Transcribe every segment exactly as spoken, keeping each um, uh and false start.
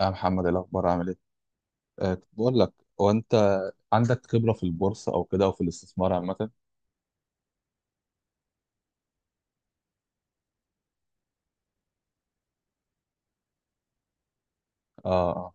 يا محمد إيه الأخبار عامل إيه؟ أه كنت بقول لك هو أنت عندك خبرة في البورصة أو كده أو في الاستثمار عامة؟ آه آه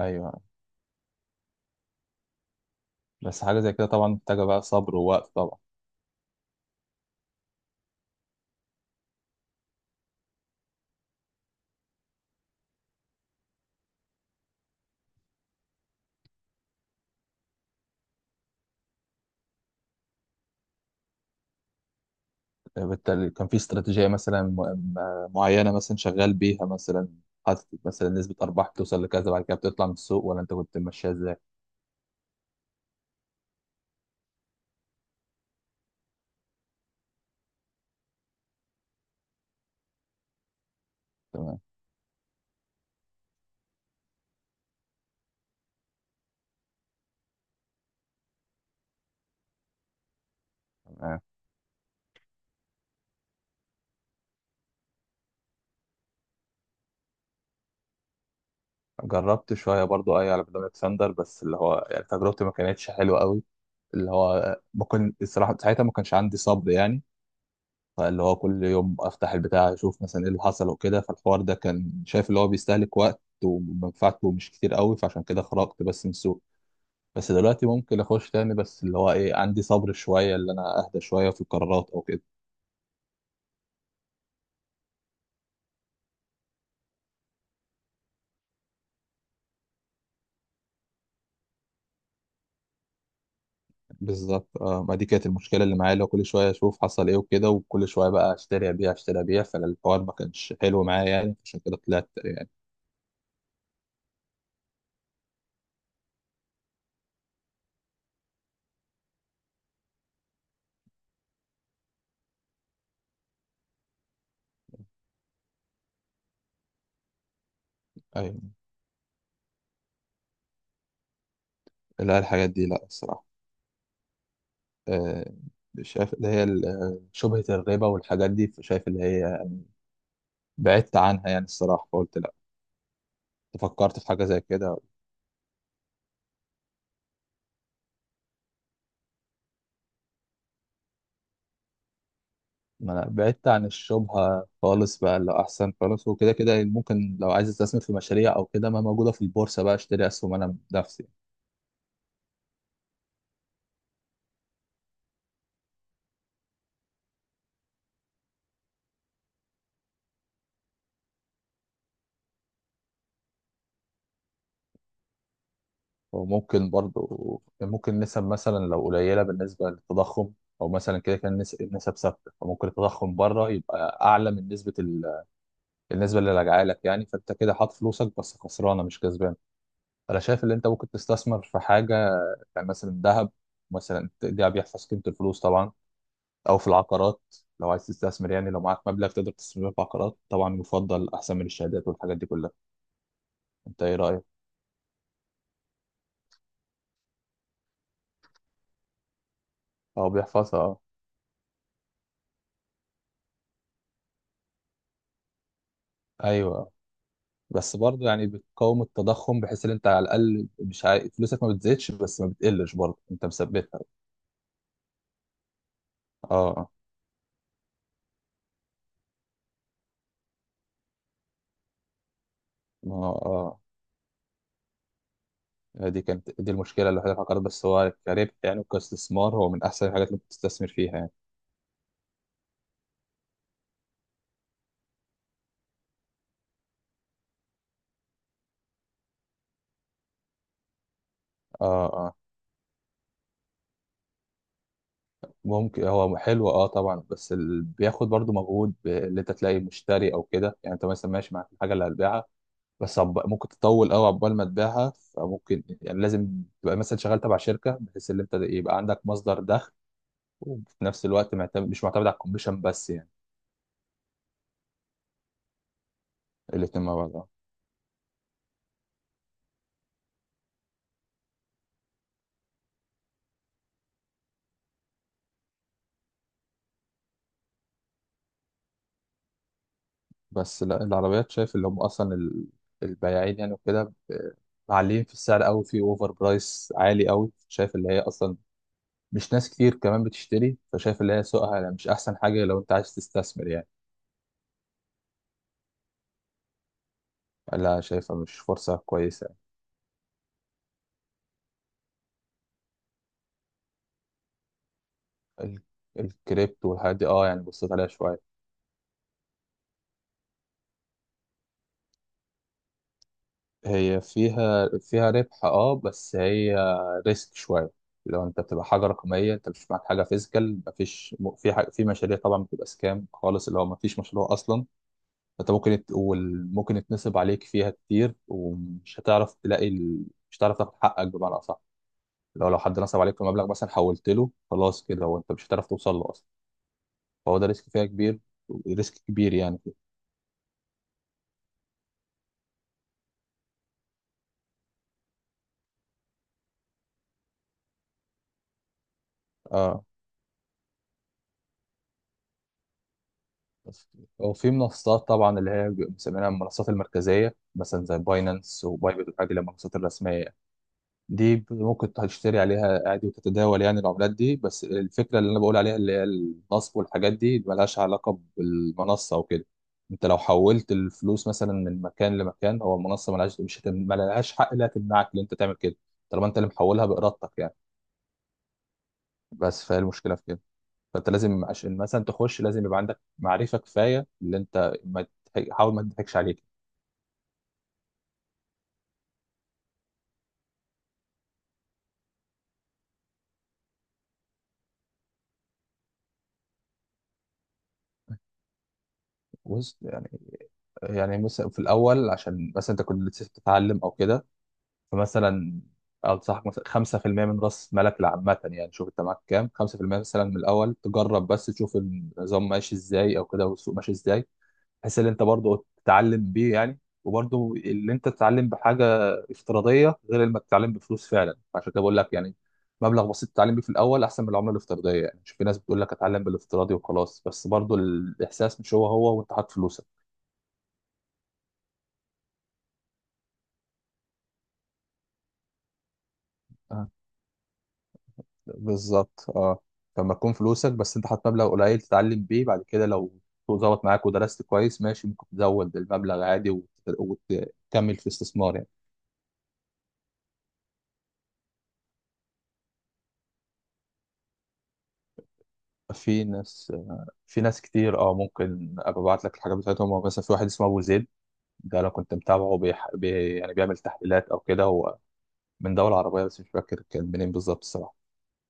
أيوه، بس حاجة زي كده طبعا محتاجة بقى صبر ووقت طبعا. آه، بالتالي كان في استراتيجية مثلا م- م- معينة مثلا شغال بيها مثلا، حاطط مثلا نسبة أرباح بتوصل لكذا بعد كده بتطلع من السوق ولا أنت كنت ماشيها إزاي؟ تمام. تمام. جربت شوية برضو أي على برنامج ساندر بس اللي هو يعني تجربتي ما كانتش حلوة قوي، اللي هو ما كنت الصراحة ساعتها ما كانش عندي صبر يعني، فاللي هو كل يوم افتح البتاع اشوف مثلا ايه اللي حصل وكده، فالحوار ده كان شايف اللي هو بيستهلك وقت ومنفعته مش كتير قوي، فعشان كده خرجت بس من السوق. بس دلوقتي ممكن اخش تاني، بس اللي هو ايه عندي صبر شويه اللي انا اهدى شويه في القرارات او كده. بالظبط. آه، ما دي كانت المشكله اللي معايا، اللي هو كل شويه اشوف حصل ايه وكده، وكل شويه بقى اشتري ابيع اشتري ابيع، فالحوار ما كانش حلو معايا يعني، عشان كده طلعت يعني. ايوه. لا الحاجات دي لا الصراحه. آه، شايف اللي هي ال- آه، شبهة الربا والحاجات دي، شايف اللي هي بعدت عنها يعني الصراحة، فقلت لا، فكرت في حاجة زي كده. ما أنا بعدت عن الشبهة خالص بقى، اللي أحسن خالص، وكده كده ممكن لو عايز أستثمر في مشاريع أو كده ما موجودة في البورصة بقى أشتري أسهم أنا بنفسي. وممكن برضو، ممكن نسب مثلا لو قليلة بالنسبة للتضخم، أو مثلا كده كان نس- النسب ثابتة، فممكن التضخم بره يبقى أعلى من نسبة ال- النسبة اللي راجعة لك يعني، فأنت كده حاط فلوسك بس خسرانة مش كسبان. أنا شايف إن أنت ممكن تستثمر في حاجة، يعني مثلا الذهب، مثلا ده بيحفظ قيمة الفلوس طبعا، أو في العقارات. لو عايز تستثمر يعني لو معاك مبلغ تقدر تستثمره في عقارات، طبعا يفضل أحسن من الشهادات والحاجات دي كلها. أنت إيه رأيك؟ أه بيحفظها أه. أيوه. بس برضه يعني بتقاوم التضخم، بحيث إن أنت على الأقل مش عاي... فلوسك ما بتزيدش بس ما بتقلش، برضه أنت مثبتها. أه. أه. ما أه. هي دي كانت دي المشكلة الوحيدة في العقارات، بس هو كربح يعني وكاستثمار هو من أحسن الحاجات اللي ممكن تستثمر فيها يعني. أه. أه. ممكن، هو حلو اه طبعا، بس ال... بياخد برضو مجهود، ب- اللي انت تلاقي مشتري او كده، يعني انت مثلا ماشي معاك الحاجه اللي هتبيعها، بس عب... ممكن تطول قوي عقبال ما تبيعها، فممكن يعني لازم تبقى مثلا شغال تبع شركه، بحيث ان انت يبقى عندك مصدر دخل وفي نفس الوقت معتمد، مش معتمد على الكوميشن بس يعني. الاتنين مع بعض اه. بس لا العربيات، شايف اللي هم اصلا ال... البياعين يعني وكده ب- معلين في السعر قوي، في اوفر برايس عالي قوي، شايف اللي هي اصلا مش ناس كتير كمان بتشتري، فشايف اللي هي سوقها يعني مش احسن حاجه لو انت عايز تستثمر يعني. لا شايفها مش فرصه كويسه يعني. ال- الكريبتو والحاجات دي اه، يعني بصيت عليها شويه. هي فيها فيها ربح اه، بس هي ريسك شويه. لو انت بتبقى حاجه رقميه انت مش معاك حاجه فيزيكال، مفيش م- في حاجة في مشاريع طبعا بتبقى سكام خالص، اللي هو مفيش مشروع اصلا، فانت ممكن يت- وال- ممكن يتنصب عليك فيها كتير، ومش هتعرف تلاقي ال... مش هتعرف تاخد حقك بمعنى اصح. لو لو حد نصب عليك في مبلغ مثلا، حولت له خلاص كده، وانت مش هتعرف توصل له اصلا، فهو ده ريسك فيها كبير، ريسك كبير يعني. اه. وفي منصات طبعا اللي هي بيبقوا مسمينها المنصات المركزيه، مثلا زي باينانس وبايبت والحاجات دي، اللي هي المنصات الرسميه دي ب- ممكن تشتري عليها عادي وتتداول يعني العملات دي، بس الفكرة اللي أنا بقول عليها اللي هي النصب والحاجات دي اللي ملهاش علاقة بالمنصة وكده. أنت لو حولت الفلوس مثلا من مكان لمكان، هو المنصة ملهاش، مش هتم... ملهاش حق لا تمنعك إن أنت تعمل كده، طالما أنت اللي محولها بإرادتك يعني. بس فهي المشكلة في كده. فأنت لازم عشان مثلا تخش لازم يبقى عندك معرفة كفاية، اللي أنت ما تضحك- حاول ما تضحكش عليك. بص يعني، يعني مثلا في الأول عشان مثلا أنت كنت لسه بتتعلم أو كده، فمثلا انصحك مثلا خمسة في المية من راس مالك لعامة يعني، شوف انت معاك كام، خمسة في المية مثلا من الاول تجرب بس تشوف النظام ماشي ازاي او كده، والسوق ماشي ازاي، بحيث ان انت برضه تتعلم بيه يعني. وبرضه اللي انت تتعلم بحاجة افتراضية غير لما تتعلم بفلوس فعلا، عشان كده بقول لك يعني مبلغ بسيط تتعلم بيه في الاول احسن من العملة الافتراضية، يعني شوف في ناس بتقول لك اتعلم بالافتراضي وخلاص، بس برضه الاحساس مش هو هو وانت حاطط فلوسك. بالظبط اه. لما تكون فلوسك بس انت حاطط مبلغ قليل تتعلم بيه، بعد كده لو السوق ظبط معاك ودرست كويس ماشي، ممكن تزود المبلغ عادي وت- وتكمل في استثمار يعني. في ناس، في ناس كتير اه، ممكن ابقى ابعت لك الحاجات بتاعتهم، هو مثلا في واحد اسمه ابو زيد، ده انا كنت متابعه بيح... بي... يعني بيعمل تحليلات او كده، هو من دولة عربية بس مش فاكر كان منين بالظبط الصراحة.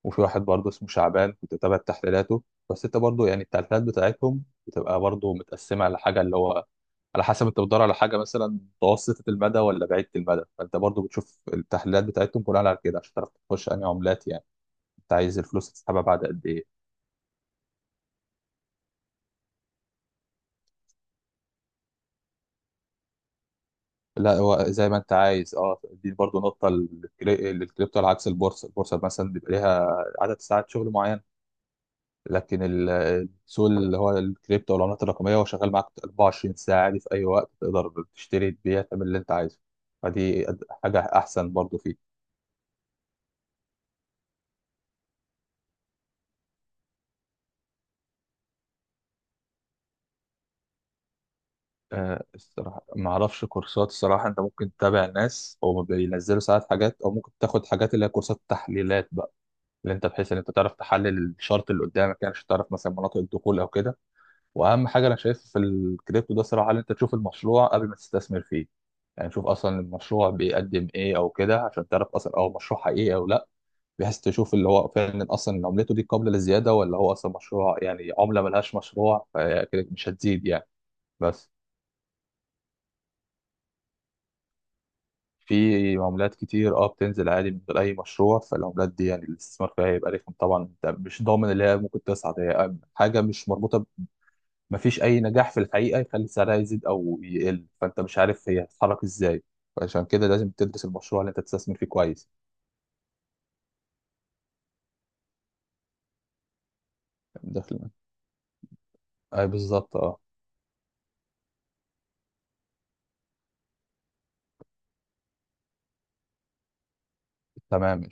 وفي واحد برضه اسمه شعبان كنت بتابع تحليلاته، بس انت برضه يعني التحليلات بتاعتهم بتبقى برضه متقسمه على حاجه اللي هو، على حسب انت بتدور على حاجه مثلا متوسطه المدى ولا بعيده المدى، فانت برضه بتشوف التحليلات بتاعتهم بناء على كده عشان تعرف تخش انهي عملات يعني، انت عايز الفلوس تسحبها بعد قد ايه. لا هو زي ما انت عايز اه، دي برضه نقطه للكري- للكريبتو، على عكس البورصه، البورصه مثلا بيبقى ليها عدد ساعات شغل معين، لكن ال- السوق اللي هو الكريبتو والعملات الرقميه هو شغال معاك أربعة وعشرين ساعة ساعه عادي، في اي وقت تقدر تشتري تبيع تعمل اللي انت عايزه، فدي أد- حاجه احسن برضو فيه. أه الصراحه ما اعرفش كورسات الصراحه، انت ممكن تتابع ناس او بينزلوا ساعات حاجات، او ممكن تاخد حاجات اللي هي كورسات تحليلات بقى، اللي انت بحيث ان انت تعرف تحلل الشارت اللي قدامك يعني عشان تعرف مثلا مناطق الدخول او كده. واهم حاجه انا شايف في الكريبتو ده صراحه، ان انت تشوف المشروع قبل ما تستثمر فيه، يعني شوف اصلا المشروع بيقدم ايه او كده عشان تعرف اصلا هو مشروع حقيقي او لا، بحيث تشوف اللي هو فعلا اصلا عملته دي قابله للزياده، ولا هو اصلا مشروع يعني عمله ملهاش مشروع فكده مش هتزيد يعني. بس في عملات كتير اه بتنزل عادي من غير اي مشروع، فالعملات دي يعني الاستثمار فيها هيبقى رخم طبعا، انت مش ضامن اللي هي ممكن تصعد، هي حاجه مش مربوطه، مفيش اي نجاح في الحقيقه يخلي سعرها يزيد او يقل، فانت مش عارف هي هتتحرك ازاي، فعشان كده لازم تدرس المشروع اللي انت تستثمر فيه كويس. دخل اي بالظبط اه. تمام.